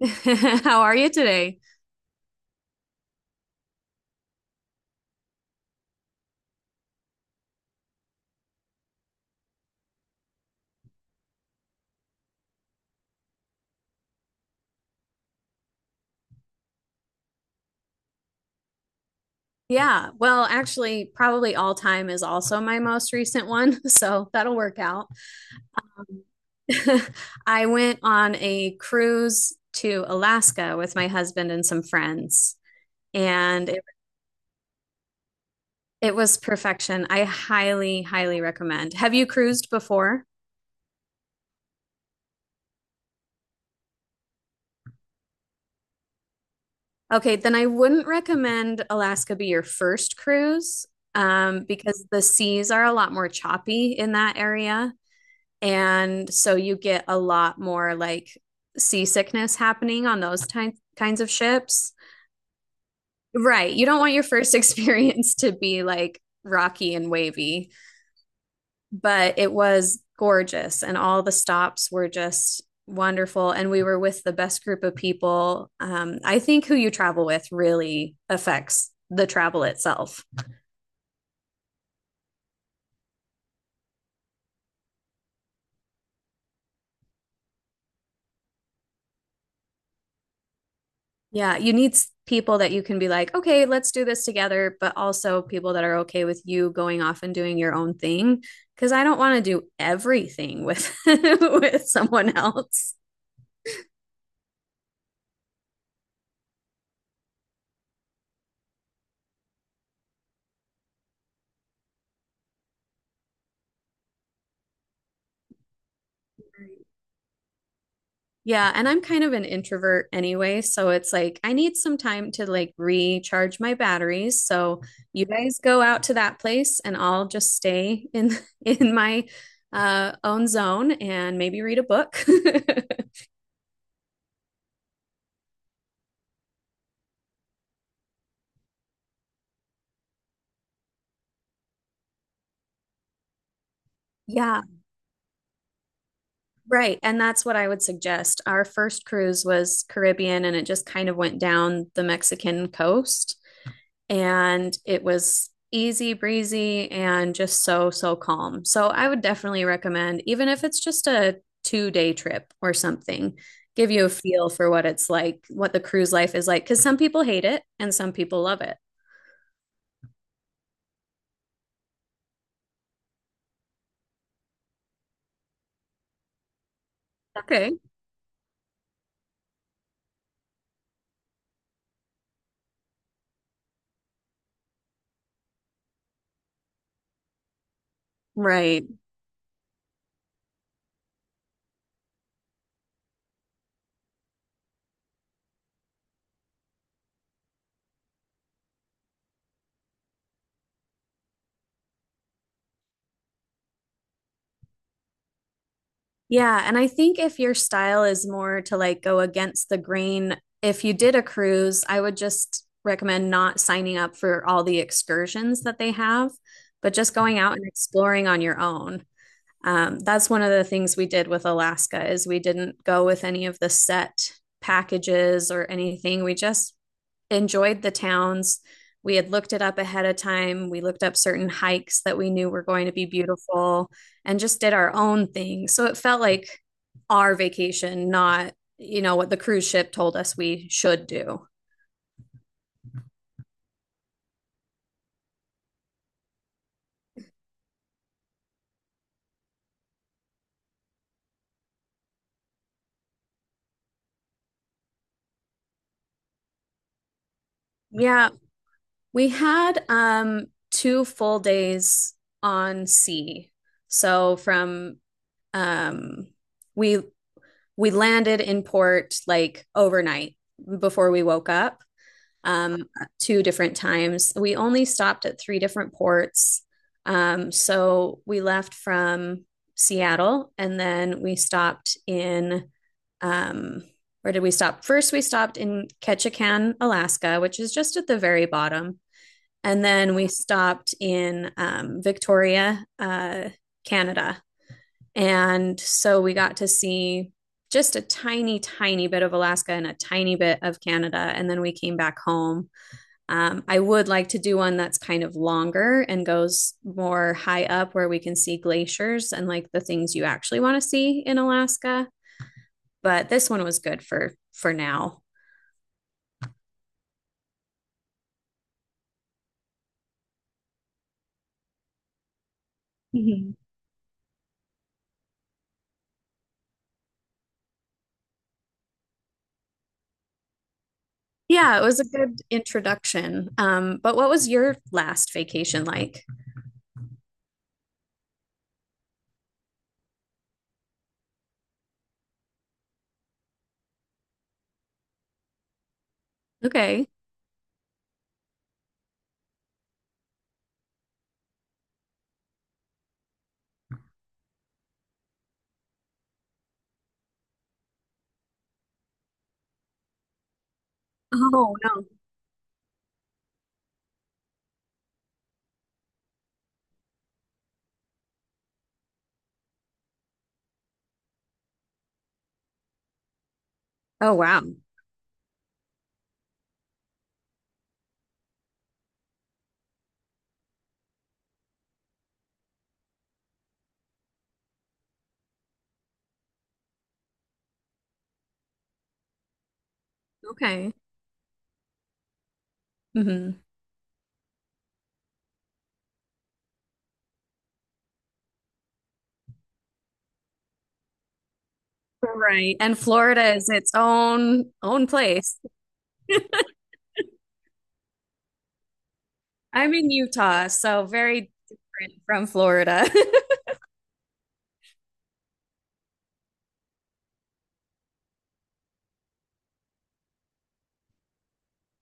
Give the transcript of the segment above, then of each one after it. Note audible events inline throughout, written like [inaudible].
[laughs] How are you today? Yeah, well, actually, probably all time is also my most recent one, [laughs] so that'll work out. [laughs] I went on a cruise to Alaska with my husband and some friends, and it was perfection. I highly, highly recommend. Have you cruised before? Okay, then I wouldn't recommend Alaska be your first cruise, because the seas are a lot more choppy in that area. And so you get a lot more like seasickness happening on those kinds of ships. Right. You don't want your first [laughs] experience to be like rocky and wavy, but it was gorgeous. And all the stops were just wonderful. And we were with the best group of people. I think who you travel with really affects the travel itself. Yeah, you need people that you can be like, okay, let's do this together, but also people that are okay with you going off and doing your own thing. Because I don't want to do everything with [laughs] with someone else. Yeah, and I'm kind of an introvert anyway, so it's like I need some time to like recharge my batteries. So you guys go out to that place and I'll just stay in [laughs] in my own zone and maybe read a book. [laughs] Yeah, right. And that's what I would suggest. Our first cruise was Caribbean and it just kind of went down the Mexican coast. And it was easy breezy and just so, so calm. So I would definitely recommend, even if it's just a 2-day trip or something, give you a feel for what it's like, what the cruise life is like, because some people hate it and some people love it. Okay. Right. Yeah, and I think if your style is more to like go against the grain, if you did a cruise, I would just recommend not signing up for all the excursions that they have, but just going out and exploring on your own. That's one of the things we did with Alaska is we didn't go with any of the set packages or anything. We just enjoyed the towns. We had looked it up ahead of time. We looked up certain hikes that we knew were going to be beautiful and just did our own thing. So it felt like our vacation, not, you know, what the cruise ship told us we should do. Yeah, we had two full days on sea. So from um we we landed in port like overnight before we woke up um two different times. We only stopped at three different ports. So we left from Seattle and then we stopped in um where did we stop? First we stopped in Ketchikan, Alaska, which is just at the very bottom. And then we stopped in Victoria, Canada. And so we got to see just a tiny, tiny bit of Alaska and a tiny bit of Canada. And then we came back home. I would like to do one that's kind of longer and goes more high up where we can see glaciers and like the things you actually want to see in Alaska. But this one was good for now. Mhm. Yeah, it was a good introduction. But what was your last vacation like? Okay. Oh, no. Oh, wow. Okay. Hmm. Right. And Florida is its own place. I'm in Utah, so very different from Florida. [laughs]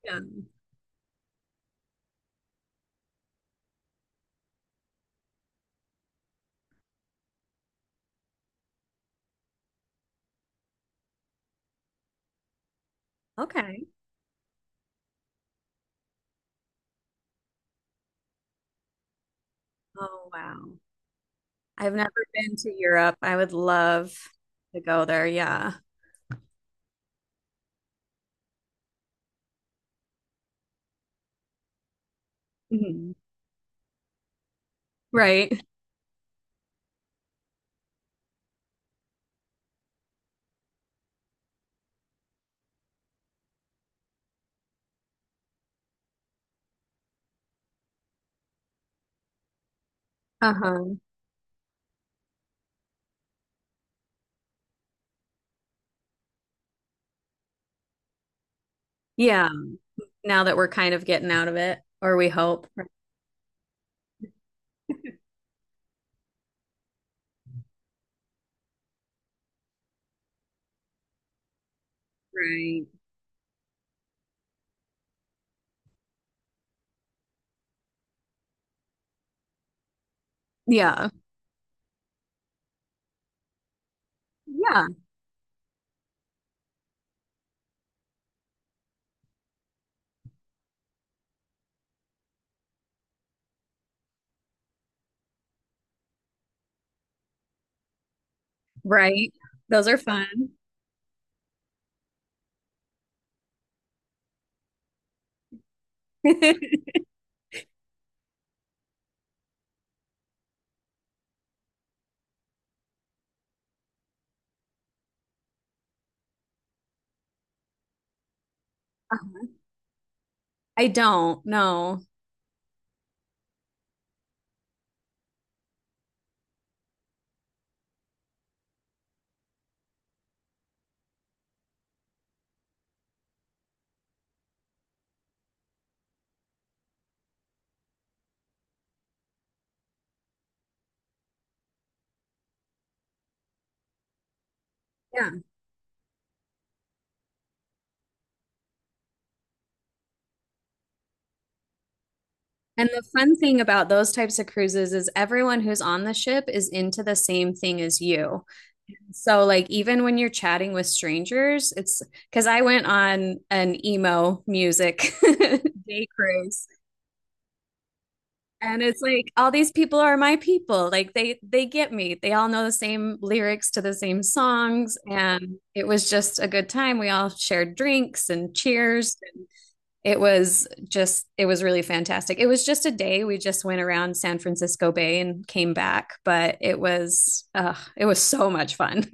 Yeah. Okay. Oh, wow. I've never been to Europe. I would love to go there. Yeah. Hmm. Right. Uh-huh. Yeah. Now that we're kind of getting out of it, or we hope. Right. Yeah. Yeah. Right. Those are fun. [laughs] Uh-huh. I don't know. Yeah. And the fun thing about those types of cruises is everyone who's on the ship is into the same thing as you. So, like, even when you're chatting with strangers, it's because I went on an emo music [laughs] day cruise. And it's like all these people are my people. Like they get me. They all know the same lyrics to the same songs and it was just a good time. We all shared drinks and cheers. It was just it was really fantastic. It was just a day. We just went around San Francisco Bay and came back, but it was so much fun.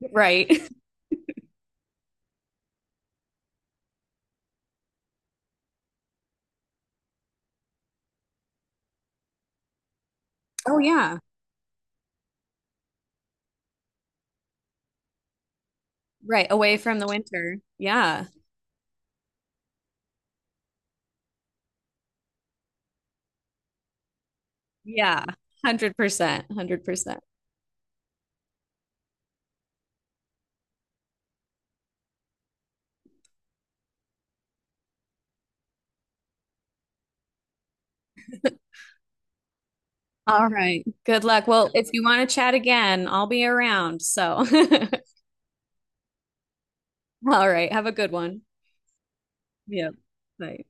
[laughs] Right. Oh, yeah. Right away from the winter. Yeah. Yeah. 100% 100%. All right, good luck. Well, if you want to chat again, I'll be around. So [laughs] all right, have a good one. Yeah. Bye.